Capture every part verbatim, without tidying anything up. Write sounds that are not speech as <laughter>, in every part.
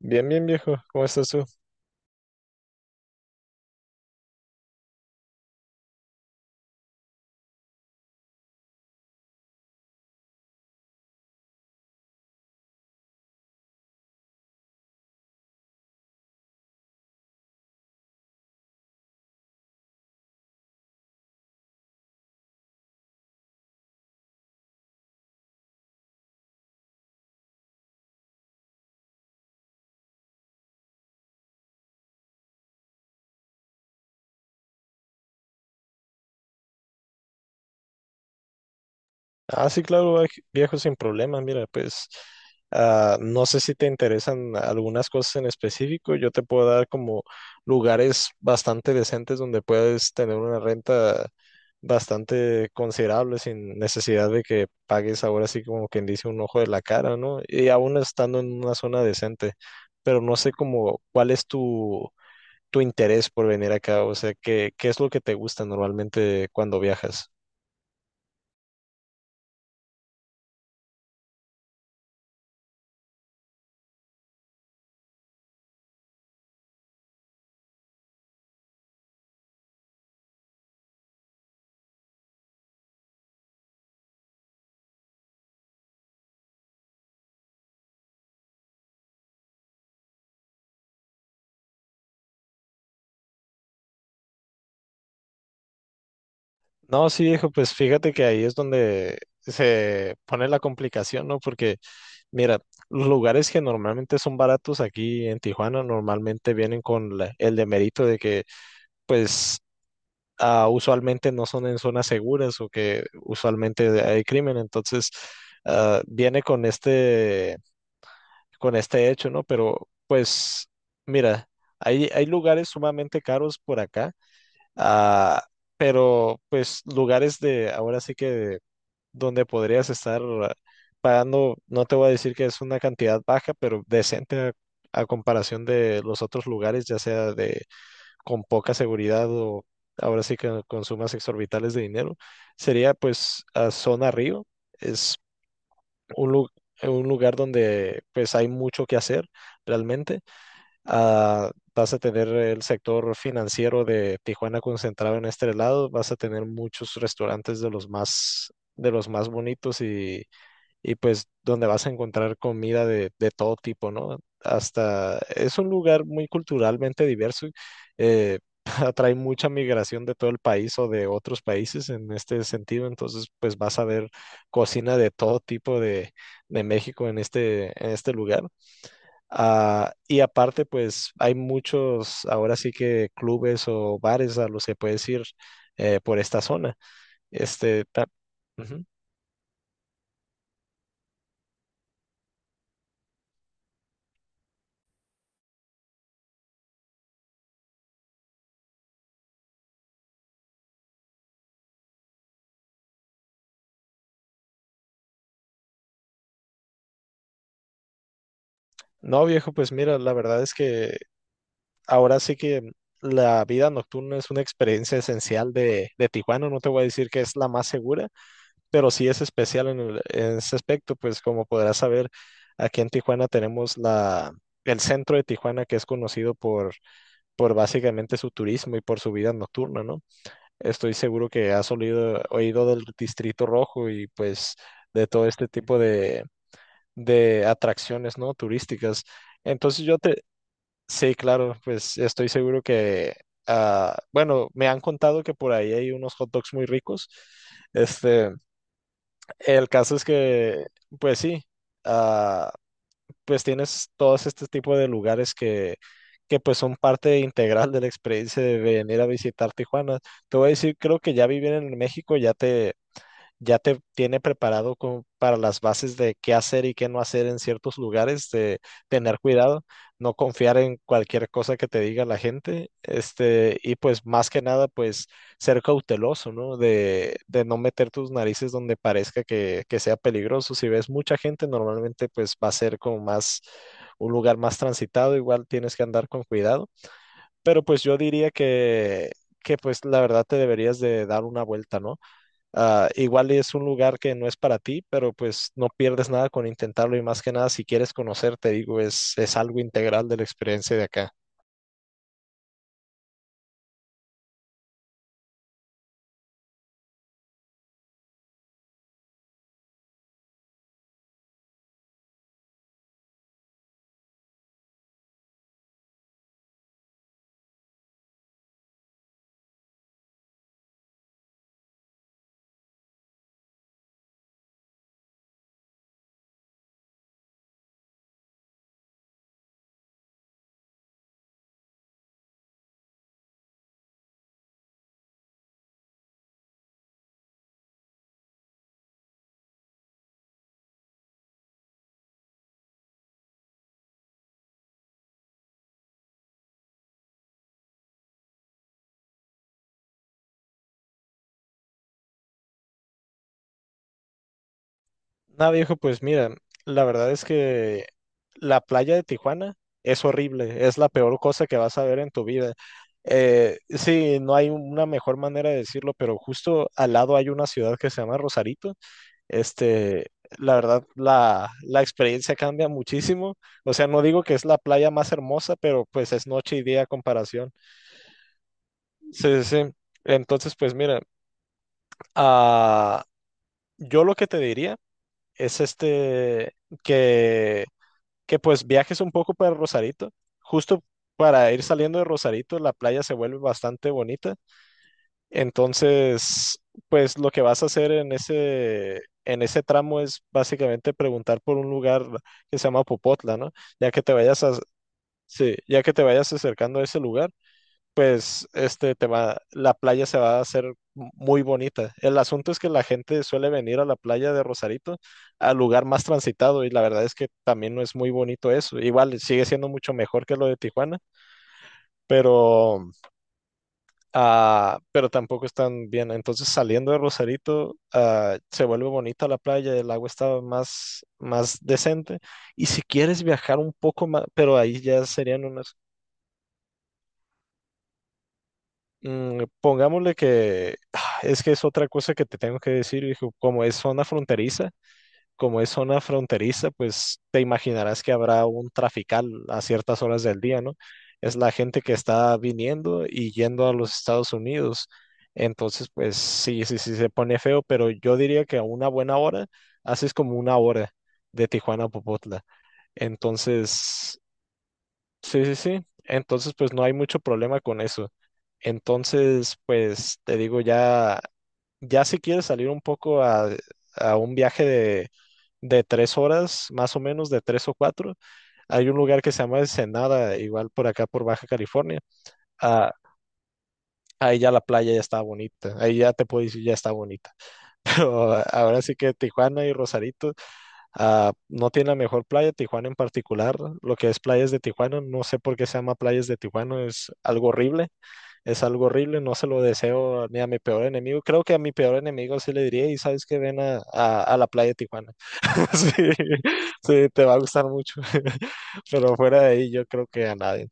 Bien, bien, viejo. ¿Cómo estás tú? Ah, sí, claro, va- viejo, sin problema. Mira, pues ah, no sé si te interesan algunas cosas en específico. Yo te puedo dar como lugares bastante decentes donde puedes tener una renta bastante considerable sin necesidad de que pagues ahora sí como quien dice un ojo de la cara, ¿no? Y aún estando en una zona decente. Pero no sé como cuál es tu, tu interés por venir acá. O sea, ¿qué, qué es lo que te gusta normalmente cuando viajas? No, sí, viejo, pues fíjate que ahí es donde se pone la complicación, ¿no? Porque, mira, los lugares que normalmente son baratos aquí en Tijuana normalmente vienen con la- el demerito de que, pues, ah, usualmente no son en zonas seguras o que usualmente hay crimen, entonces, ah, viene con este, con este hecho, ¿no? Pero, pues, mira, hay, hay lugares sumamente caros por acá, ah, pero, pues, lugares de, ahora sí que donde podrías estar ah, pagando, no te voy a decir que es una cantidad baja, pero decente a, a comparación de los otros lugares, ya sea de con poca seguridad o ahora sí que con sumas exorbitales de dinero, sería pues a Zona Río, es un, lu- un lugar donde pues hay mucho que hacer realmente. Ah, vas a tener el sector financiero de Tijuana concentrado en este lado, vas a tener muchos restaurantes de los más de los más bonitos y y pues donde vas a encontrar comida de, de todo tipo, ¿no? Hasta es un lugar muy culturalmente diverso, eh, <laughs> atrae mucha migración de todo el país o de otros países en este sentido, entonces pues vas a ver cocina de todo tipo de, de México en este, en este lugar. Ah, y aparte pues hay muchos ahora sí que clubes o bares a los que puedes ir eh, por esta zona. Este, ta- Ujú. No, viejo, pues mira, la verdad es que ahora sí que la vida nocturna es una experiencia esencial de, de Tijuana. No te voy a decir que es la más segura, pero sí es especial en, el- en ese aspecto, pues como podrás saber, aquí en Tijuana tenemos la, el centro de Tijuana que es conocido por, por básicamente su turismo y por su vida nocturna, ¿no? Estoy seguro que has olido- oído del Distrito Rojo y pues de todo este tipo de, de atracciones, ¿no? Turísticas. Entonces yo te, Sí, claro, pues estoy seguro que, ah, bueno, me han contado que por ahí hay unos hot dogs muy ricos. Este, el caso es que, pues sí, ah, pues tienes todos este tipo de lugares que, que pues son parte integral de la experiencia de venir a visitar Tijuana. Te voy a decir, creo que ya vivir en México ya te, ya te tiene preparado como para las bases de qué hacer y qué no hacer en ciertos lugares, de tener cuidado, no confiar en cualquier cosa que te diga la gente, este, y pues más que nada, pues ser cauteloso, ¿no? De, de no meter tus narices donde parezca que, que sea peligroso. Si ves mucha gente, normalmente pues va a ser como más un lugar más transitado, igual tienes que andar con cuidado, pero pues yo diría que, que pues la verdad te deberías de dar una vuelta, ¿no? Ah, igual es un lugar que no es para ti, pero pues no pierdes nada con intentarlo y más que nada si quieres conocer, te digo, es, es algo integral de la experiencia de acá. Nada, viejo, pues mira, la verdad es que la playa de Tijuana es horrible, es la peor cosa que vas a ver en tu vida. Eh, sí, no hay una mejor manera de decirlo, pero justo al lado hay una ciudad que se llama Rosarito. Este, la verdad, la, la experiencia cambia muchísimo. O sea, no digo que es la playa más hermosa, pero pues es noche y día a comparación. Sí, sí, sí. Entonces, pues mira, ah, yo lo que te diría es este, que, que pues viajes un poco para Rosarito. Justo para ir saliendo de Rosarito, la playa se vuelve bastante bonita. Entonces, pues lo que vas a hacer en ese, en ese tramo es básicamente preguntar por un lugar que se llama Popotla, ¿no? Ya que te vayas a, sí, ya que te vayas acercando a ese lugar, pues este te va, la playa se va a hacer m- muy bonita. El asunto es que la gente suele venir a la playa de Rosarito, al lugar más transitado, y la verdad es que también no es muy bonito eso. Igual sigue siendo mucho mejor que lo de Tijuana, pero Ah, pero tampoco están bien. Entonces, saliendo de Rosarito, ah, se vuelve bonita la playa, el agua está más, más decente. Y si quieres viajar un poco más, pero ahí ya serían unas. Mm, pongámosle que <sighs> es que es otra cosa que te tengo que decir, hijo, como es zona fronteriza, como es zona fronteriza, pues te imaginarás que habrá un trafical a ciertas horas del día, ¿no? Es la gente que está viniendo y yendo a los Estados Unidos. Entonces, pues sí, sí, sí se pone feo, pero yo diría que a una buena hora haces como una hora de Tijuana a Popotla. Entonces, sí, sí, sí. Entonces, pues no hay mucho problema con eso. Entonces, pues te digo ya ya si quieres salir un poco a, a un viaje de, de tres horas, más o menos, de tres o cuatro, hay un lugar que se llama Ensenada, igual por acá por Baja California. Ah, ahí ya la playa ya está bonita, ahí ya te puedo decir ya está bonita. <laughs> Pero ahora sí que Tijuana y Rosarito ah, no tiene la mejor playa, Tijuana en particular, lo que es playas de Tijuana, no sé por qué se llama playas de Tijuana, es algo horrible es algo horrible, no se lo deseo ni a mi peor enemigo. Creo que a mi peor enemigo sí le diría, y sabes que ven a, a, a la playa de Tijuana. <laughs> Sí, sí, te va a gustar mucho. <laughs> Pero fuera de ahí, yo creo que a nadie.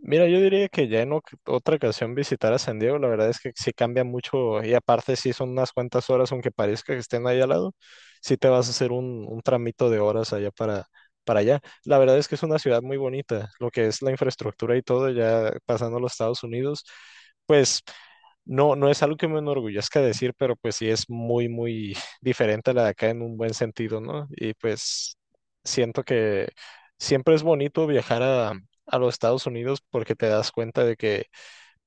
Mira, yo diría que ya en oc- otra ocasión visitar a San Diego, la verdad es que sí cambia mucho y aparte sí son unas cuantas horas, aunque parezca que estén ahí al lado, sí te vas a hacer un, un tramito de horas allá para, para allá. La verdad es que es una ciudad muy bonita, lo que es la infraestructura y todo, ya pasando a los Estados Unidos, pues no, no es algo que me enorgullezca decir, pero pues sí es muy, muy <laughs> diferente a la de acá en un buen sentido, ¿no? Y pues siento que siempre es bonito viajar a a los Estados Unidos porque te das cuenta de que,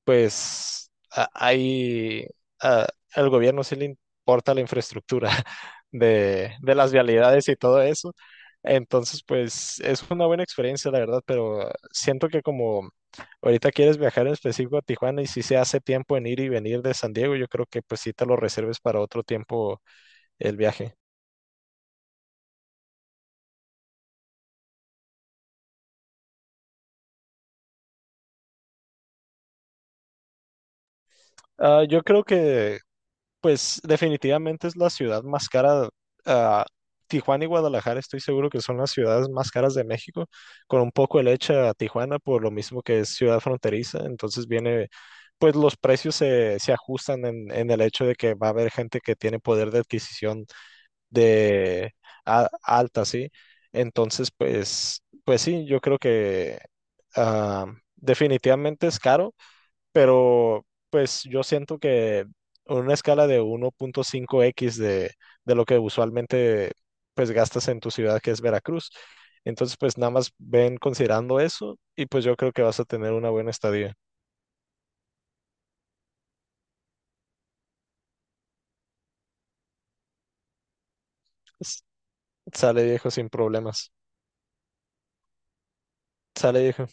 pues, a- hay, a- al gobierno sí le importa la infraestructura <laughs> de, de las vialidades y todo eso. Entonces, pues, es una buena experiencia, la verdad, pero siento que como ahorita quieres viajar en específico a Tijuana y si se hace tiempo en ir y venir de San Diego, yo creo que pues sí te lo reserves para otro tiempo el viaje. Ah, yo creo que Pues definitivamente es la ciudad más cara. ah, Tijuana y Guadalajara estoy seguro que son las ciudades más caras de México, con un poco de leche a Tijuana por lo mismo que es ciudad fronteriza. Entonces viene, pues los precios se, se ajustan en, en el hecho de que va a haber gente que tiene poder de adquisición de a- alta, ¿sí? Entonces, pues, pues sí, yo creo que ah, definitivamente es caro pero pues yo siento que en una escala de uno punto cinco x de, de lo que usualmente pues gastas en tu ciudad que es Veracruz. Entonces pues nada más ven considerando eso y pues yo creo que vas a tener una buena estadía. S- Sale viejo sin problemas. Sale viejo.